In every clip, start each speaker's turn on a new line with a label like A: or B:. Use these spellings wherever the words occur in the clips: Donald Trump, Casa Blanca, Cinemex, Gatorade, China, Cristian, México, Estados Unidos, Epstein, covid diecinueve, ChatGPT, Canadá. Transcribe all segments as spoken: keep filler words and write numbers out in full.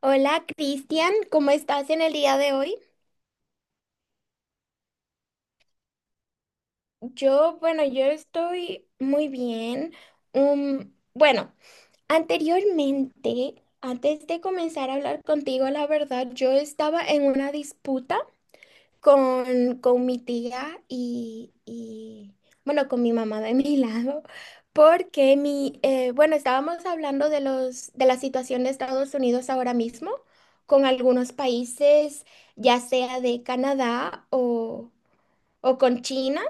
A: Hola Cristian, ¿cómo estás en el día de hoy? Yo, bueno, yo estoy muy bien. Um, bueno, anteriormente, antes de comenzar a hablar contigo, la verdad, yo estaba en una disputa con, con mi tía y, y, bueno, con mi mamá de mi lado, porque mi, eh, bueno, estábamos hablando de los, de la situación de Estados Unidos ahora mismo, con algunos países, ya sea de Canadá o, o con China,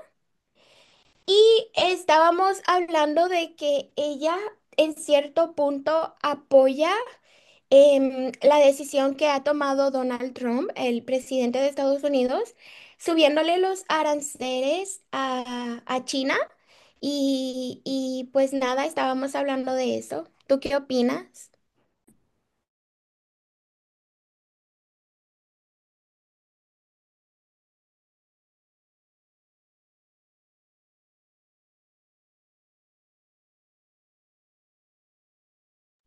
A: y estábamos hablando de que ella en cierto punto apoya em, la decisión que ha tomado Donald Trump, el presidente de Estados Unidos, subiéndole los aranceles a, a China y, y, pues nada, estábamos hablando de eso. ¿Tú qué opinas?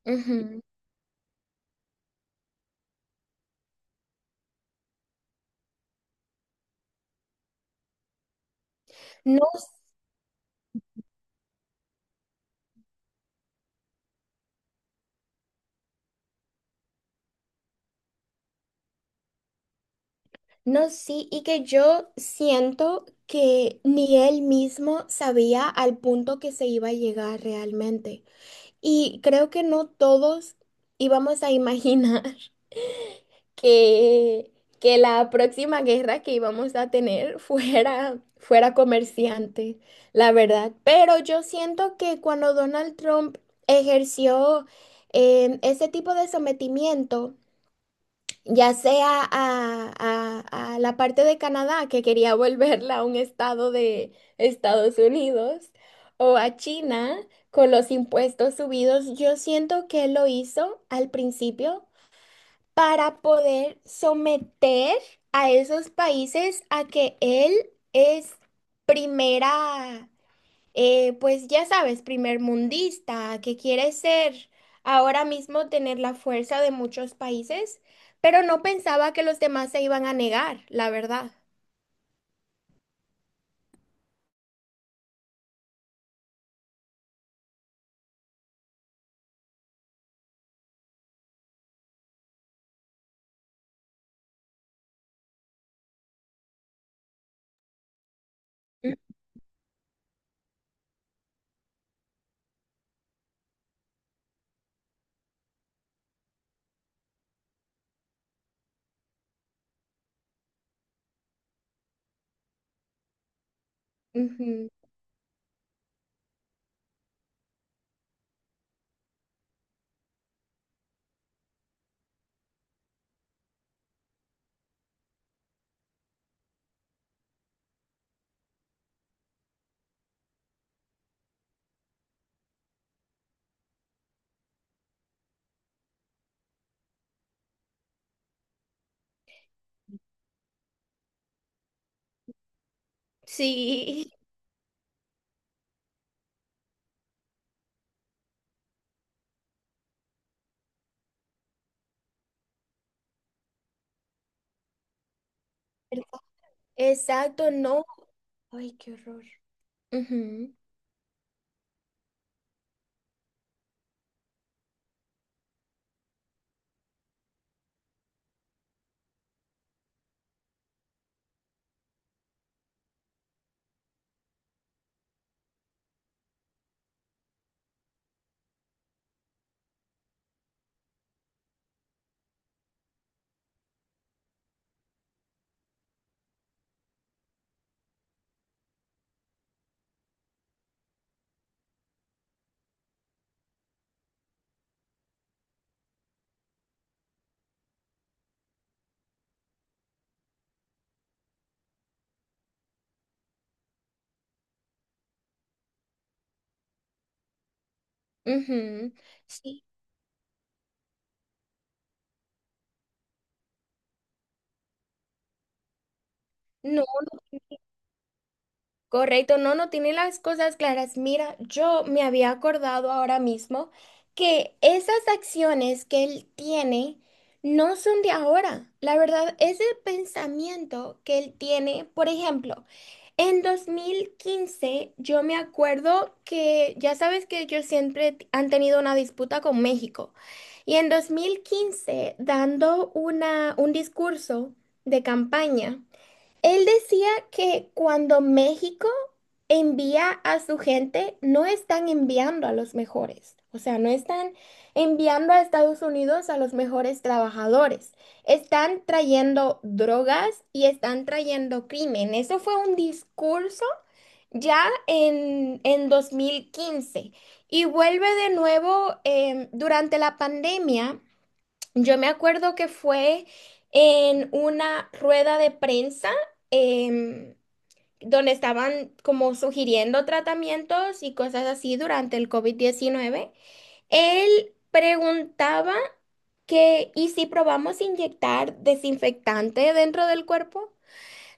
A: Ujú. No, no, sí, y que yo siento que ni él mismo sabía al punto que se iba a llegar realmente. Y creo que no todos íbamos a imaginar. que, que la próxima guerra que íbamos a tener fuera, fuera comerciante, la verdad. Pero yo siento que cuando Donald Trump ejerció eh, ese tipo de sometimiento, ya sea a, a a la parte de Canadá, que quería volverla a un estado de Estados Unidos, o a China con los impuestos subidos, yo siento que él lo hizo al principio para poder someter a esos países a que él es primera, eh, pues ya sabes, primer mundista, que quiere ser ahora mismo tener la fuerza de muchos países, pero no pensaba que los demás se iban a negar, la verdad. Ujú. Sí, ¿verdad? Exacto, no. Ay, qué horror. Ujú, ujú. Sí, no. No. Correcto, no, no tiene las cosas claras. Mira, yo me había acordado ahora mismo que esas acciones que él tiene no son de ahora. La verdad, ese pensamiento que él tiene, por ejemplo, en dos mil quince yo me acuerdo que ya sabes que ellos siempre t- han tenido una disputa con México. Y en dos mil quince dando una, un discurso de campaña. Él decía que cuando México envía a su gente, no están enviando a los mejores. O sea, no están enviando a Estados Unidos a los mejores trabajadores. Están trayendo drogas y están trayendo crimen. Eso fue un discurso ya en, en dos mil quince. Y vuelve de nuevo em, durante la pandemia. Yo me acuerdo que fue en una rueda de prensa em, donde estaban como sugiriendo tratamientos y cosas así durante el covid diecinueve. Él preguntaba que, ¿y si probamos inyectar desinfectante dentro del cuerpo?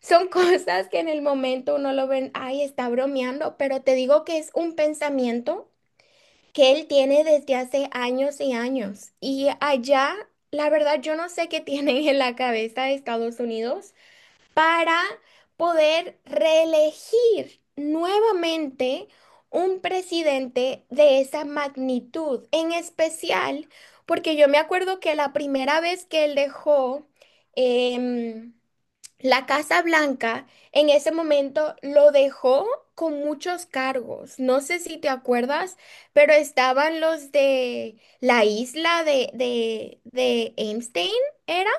A: Son cosas que en el momento uno lo ven, ay, está bromeando, pero te digo que es un pensamiento que él tiene desde hace años y años. Y allá, la verdad, yo no sé qué tienen en la cabeza de Estados Unidos para poder reelegir nuevamente un presidente de esa magnitud, en especial porque yo me acuerdo que la primera vez que él dejó... em, la Casa Blanca en ese momento lo dejó con muchos cargos. No sé si te acuerdas, pero estaban los de la isla de, de, de Epstein, ¿era?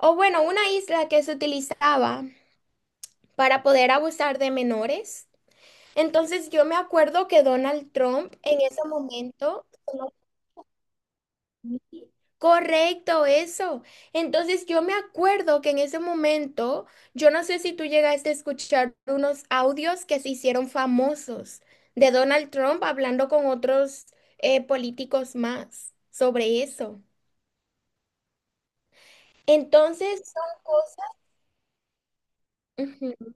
A: O bueno, una isla que se utilizaba para poder abusar de menores. Entonces yo me acuerdo que Donald Trump en ese momento. Correcto, eso. Entonces yo me acuerdo que en ese momento, yo no sé si tú llegaste a escuchar unos audios que se hicieron famosos de Donald Trump hablando con otros eh, políticos más sobre eso. Entonces son cosas. Ujú.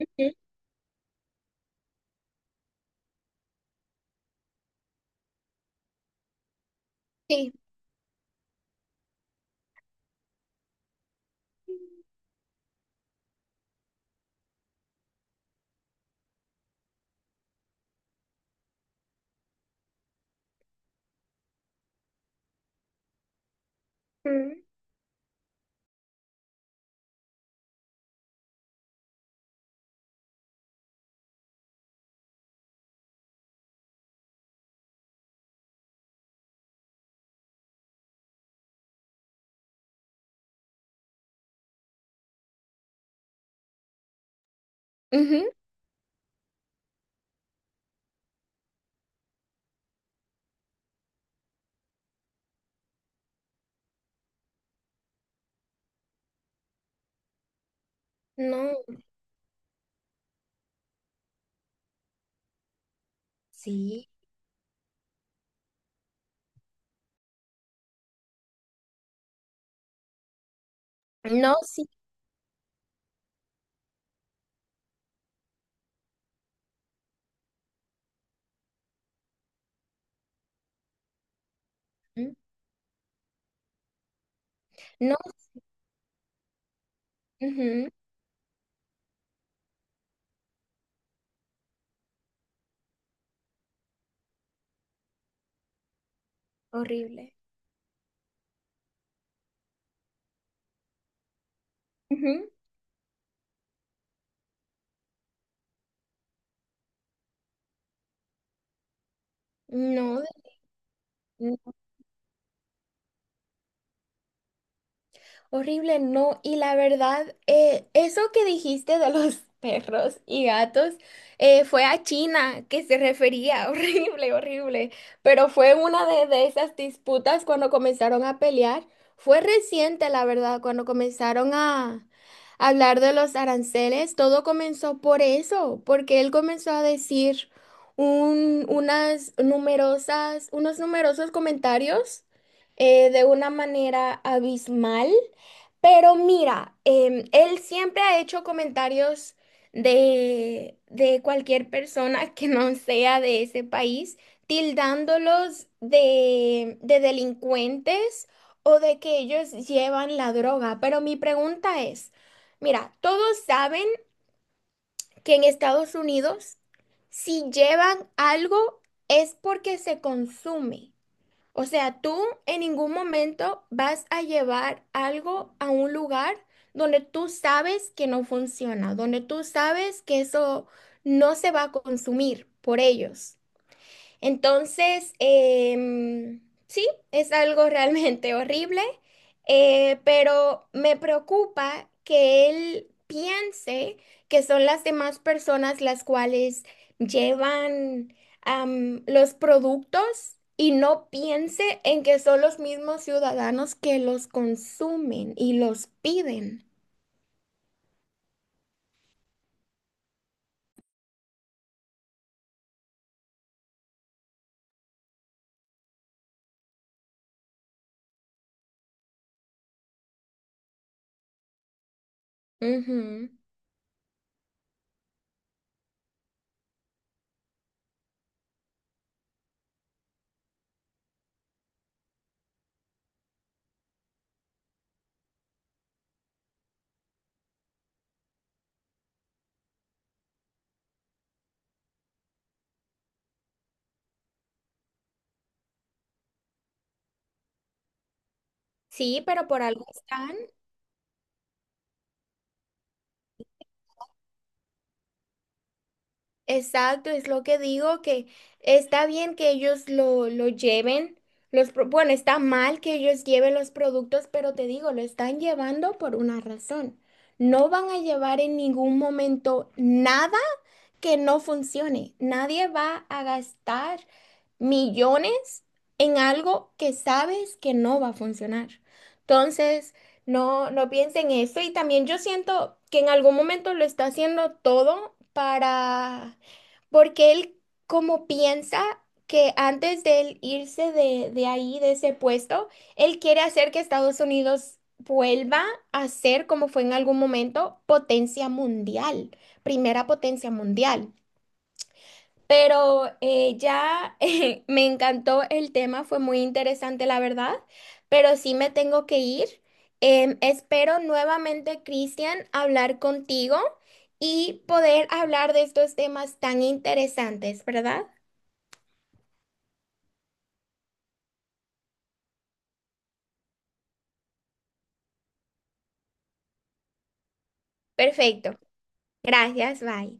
A: Ujú. Sí. Ujú. Ujú. No. Sí, no, sí. Ujú. No. Ujú, horrible. Ujú. No. Horrible, no. Y la verdad, eh, eso que dijiste de los perros y gatos eh, fue a China que se refería. Horrible, horrible. Pero fue una de, de esas disputas cuando comenzaron a pelear. Fue reciente, la verdad, cuando comenzaron a hablar de los aranceles. Todo comenzó por eso, porque él comenzó a decir un- unas numerosas, unos numerosos comentarios eh, de una manera abismal. Pero mira, em, él siempre ha hecho comentarios de, de cualquier persona que no sea de ese país, tildándolos de, de delincuentes o de que ellos llevan la droga. Pero mi pregunta es, mira, todos saben que en Estados Unidos, si llevan algo, es porque se consume. O sea, tú en ningún momento vas a llevar algo a un lugar donde tú sabes que no funciona, donde tú sabes que eso no se va a consumir por ellos. Entonces, em, sí, es algo realmente horrible, eh, pero me preocupa que él piense que son las demás personas las cuales llevan, am, los productos y no piense en que son los mismos ciudadanos que los consumen y los piden. Ujú. Sí, pero por algo están. Exacto, es lo que digo, que está bien que ellos lo, lo lleven, los, pro- bueno, está mal que ellos lleven los productos, pero te digo, lo están llevando por una razón. No van a llevar en ningún momento nada que no funcione. Nadie va a gastar millones en algo que sabes que no va a funcionar. Entonces, no, no piensen eso. Y también yo siento que en algún momento lo está haciendo todo para, porque él como piensa que antes de él irse de, de ahí, de ese puesto, él quiere hacer que Estados Unidos vuelva a ser, como fue en algún momento, potencia mundial, primera potencia mundial. Pero eh, ya eh, me encantó el tema, fue muy interesante, la verdad, pero sí me tengo que ir. Em, espero nuevamente, Cristian, hablar contigo y poder hablar de estos temas tan interesantes, ¿verdad? Perfecto. Gracias, bye.